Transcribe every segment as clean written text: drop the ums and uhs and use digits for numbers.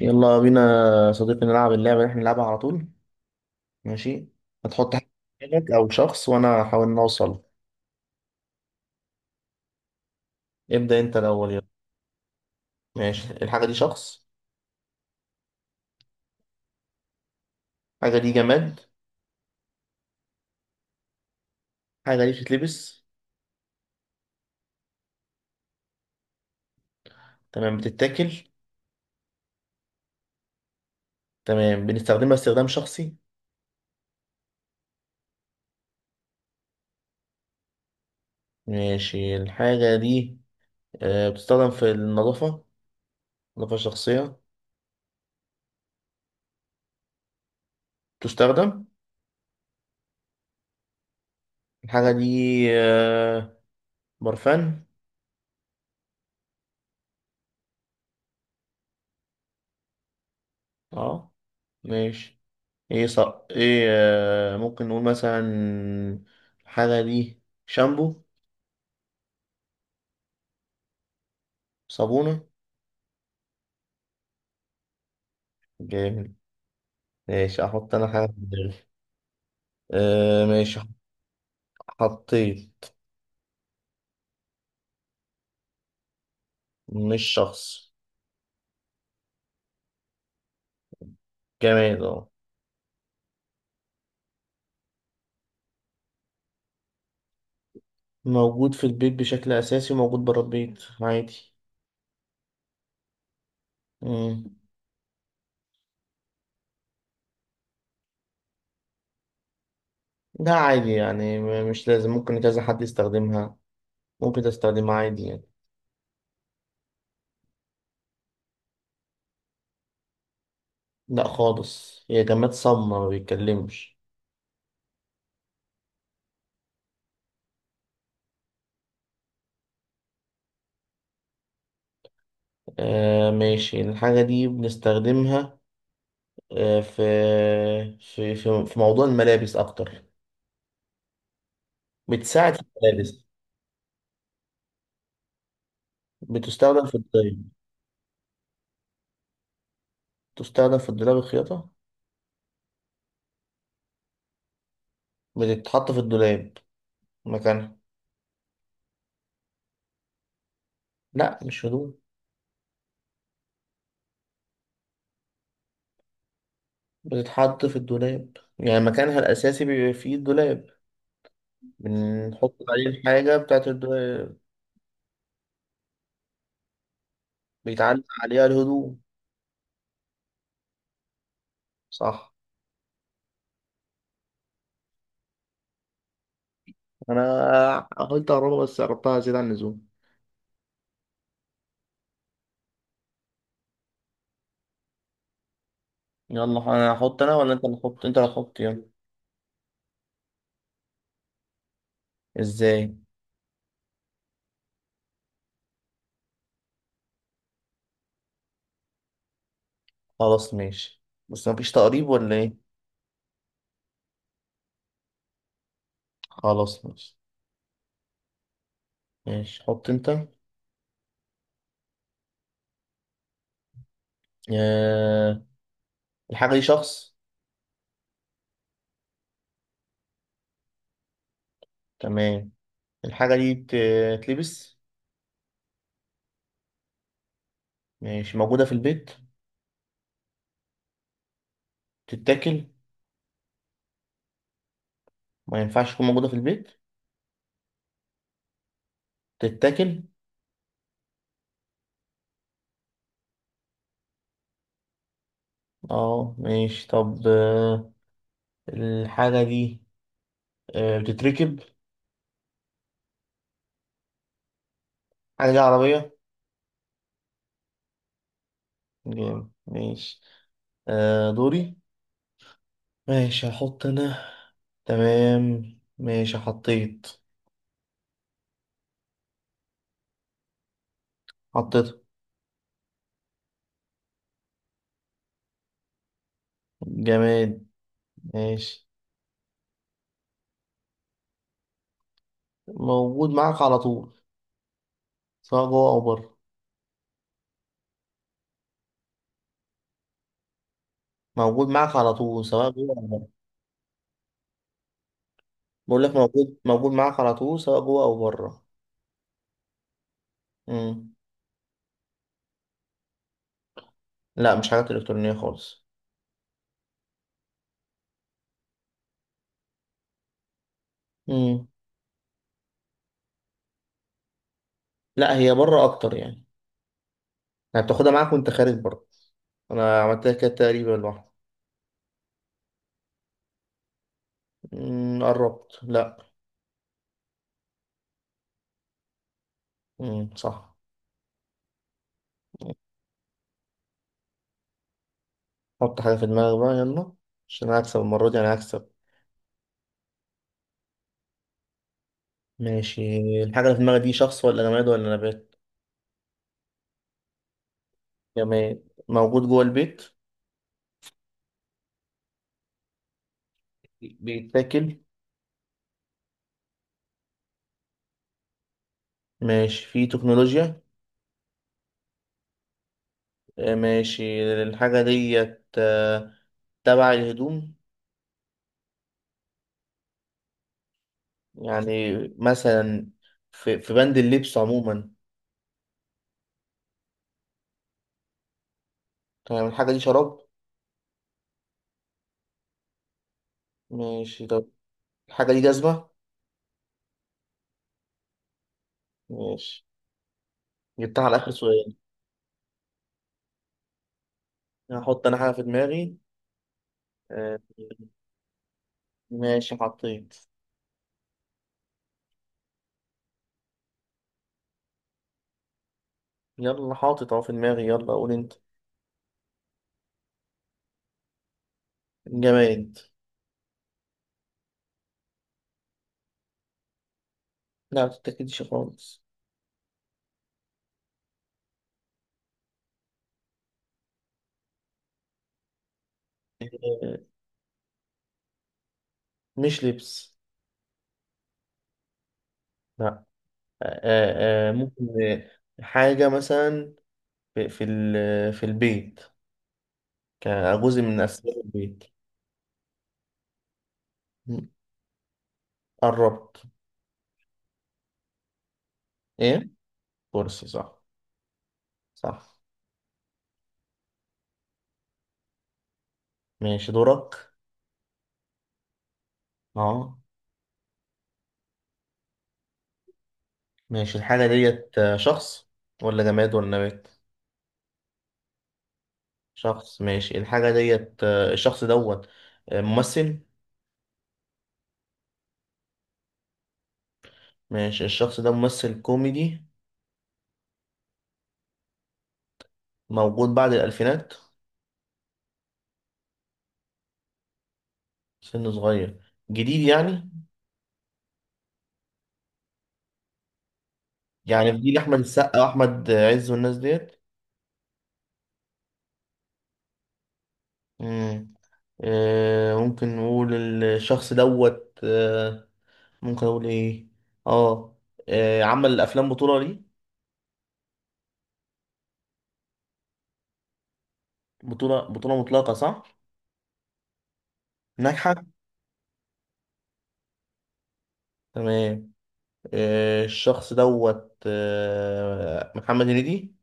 يلا بينا يا صديقي نلعب اللعبة اللي احنا بنلعبها على طول. ماشي. هتحط حاجة في دماغك أو شخص وأنا هحاول إن أوصل. ابدأ أنت الأول يلا. ماشي الحاجة دي شخص. الحاجة دي جماد. الحاجة دي بتتلبس. تمام بتتاكل. تمام بنستخدمها استخدام شخصي. ماشي الحاجة دي بتستخدم في النظافة، النظافة الشخصية. بتستخدم. الحاجة دي آه، برفان. اه ماشي. ايه صح ايه، ممكن نقول مثلا الحاجة دي شامبو. صابونة. جامد ماشي. احط انا حاجة في دماغي. آه ماشي. حطيت. مش شخص. جماد اه. موجود في البيت بشكل اساسي وموجود بره البيت عادي. مم. ده عادي يعني، مش لازم، ممكن كذا حد يستخدمها، ممكن تستخدمها عادي يعني. لا خالص، هي جماد صم ما بيتكلمش. آه ماشي الحاجة دي بنستخدمها، آه، في في موضوع الملابس أكتر. بتساعد في الملابس. بتستخدم في الدولاب. بتستخدم في الدولاب، الخياطة. بتتحط في الدولاب، مكانها. لا مش هدوم. بتتحط في الدولاب يعني مكانها الأساسي بيبقى فيه الدولاب. بنحط عليه الحاجة بتاعت الدولاب. بيتعلق عليها الهدوم. صح. أنا قلت أقربها بس قربتها زيادة عن اللزوم. يلا أنا هحط، أنا ولا أنت اللي هتحط؟ أنت اللي هتحط يلا. إزاي؟ خلاص ماشي. بس مفيش تقريب ولا إيه؟ خلاص ماشي. ماشي حط انت. آه. الحاجة دي شخص. تمام. الحاجة دي تلبس. ماشي موجودة في البيت. تتاكل. ما ينفعش تكون موجودة في البيت. تتاكل اه. ماشي طب، الحاجة دي بتتركب. الحاجة دي عربية. جامد ماشي. آه دوري. ماشي هحط انا. تمام ماشي حطيت. حطيت جماد. ماشي موجود معاك على طول سواء جوه او بره. موجود معاك على طول سواء جوه أو بره. بقول لك، موجود معاك على طول سواء جوه أو بره. مم. لا مش حاجات إلكترونية خالص. مم. لا هي بره أكتر يعني، يعني بتاخدها معاك وأنت خارج بره. أنا عملتها كده تقريبا لوحدي. مم، قربت. لا. مم. صح. حط حاجة في دماغك بقى يلا، عشان أنا هكسب المرة دي، أنا هكسب. ماشي. الحاجة اللي في دماغك دي شخص ولا جماد ولا نبات؟ جماد. موجود جوه البيت. بيتاكل. ماشي فيه تكنولوجيا. ماشي الحاجة ديت تبع الهدوم. يعني مثلا في بند اللبس عموما. تمام. الحاجة دي شراب. ماشي طب. الحاجة دي جزمة. ماشي. جبتها على آخر سؤال. هحط أنا حاجة في دماغي. آه، ماشي حطيت. يلا حاطط أهو في دماغي، يلا قول أنت. جماد. لا متتأكدش خالص. آه، مش لبس. لا. ممكن حاجة مثلا في البيت، كان جزء من أسباب البيت. م. قربت. إيه؟ كرسي. صح. صح. ماشي دورك. أه. ماشي الحاجة ديت شخص ولا جماد ولا نبات؟ شخص. ماشي الحاجة ديت الشخص دوت ممثل. ماشي الشخص ده ممثل كوميدي. موجود بعد الألفينات. سنه صغير جديد يعني. يعني في جيل أحمد السقا وأحمد عز والناس ديت. مم. ممكن نقول الشخص دوت، ممكن اقول ايه؟ اه. عمل افلام بطولة ليه. بطولة بطولة مطلقة صح. ناجحة. تمام. الشخص دوت محمد هنيدي.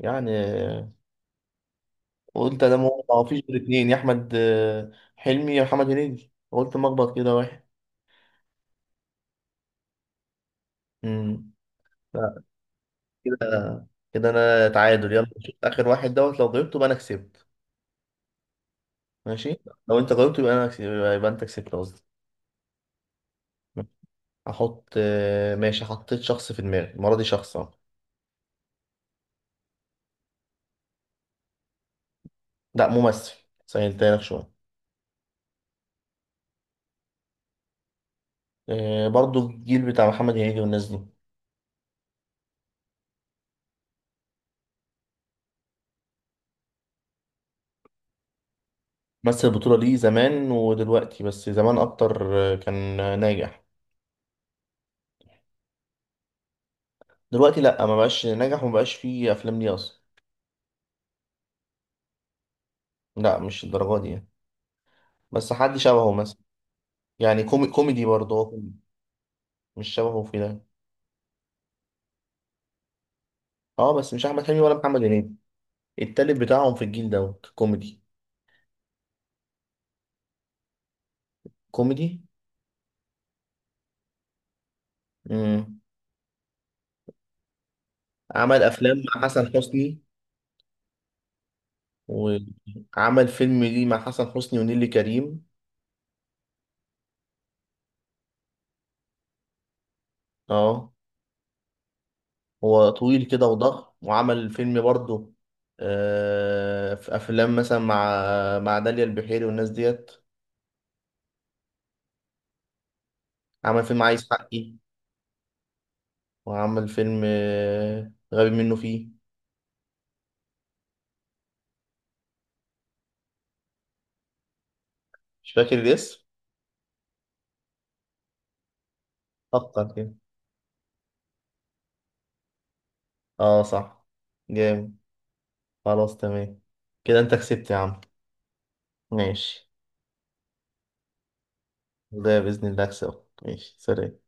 يعني قلت انا ما فيش غير اتنين، يا احمد حلمي يا محمد هنيدي، قلت مخبط كده واحد. امم لا. كده. انا تعادل، يلا نشوف اخر واحد دوت، لو جاوبته يبقى انا كسبت. ماشي. لو انت جاوبته يبقى انا كسبت. يبقى انت كسبت قصدي. احط، ماشي حطيت شخص في دماغي المره دي، شخص اهو. لا ممثل. سهلتها لك شوية. برضو الجيل بتاع محمد هنيدي والناس دي. مثل البطولة دي زمان ودلوقتي بس زمان أكتر، كان ناجح. دلوقتي لأ، ما بقاش ناجح وما بقاش فيه أفلام ليه أصلا. لأ مش الدرجة دي يعني. بس حد شبهه مثلا. يعني كوميدي، برضه هو كوميدي. مش شبهه في ده. اه بس مش أحمد حلمي ولا محمد هنيدي. التالت بتاعهم في الجيل دوت كوميدي. كوميدي. مم. عمل أفلام مع حسن حسني، وعمل فيلم ليه مع حسن حسني ونيلي كريم. اه هو طويل كده وضخم وعمل فيلم برضه، في افلام مثلا مع داليا البحيري والناس ديت. عمل فيلم عايز حقي، وعمل فيلم غبي منه فيه. مش فاكر الاسم. فكر كده. اه صح. جامد. خلاص تمام. كده انت كسبت يا عم. ماشي. ده بإذن الله اكسبك. ماشي سلام.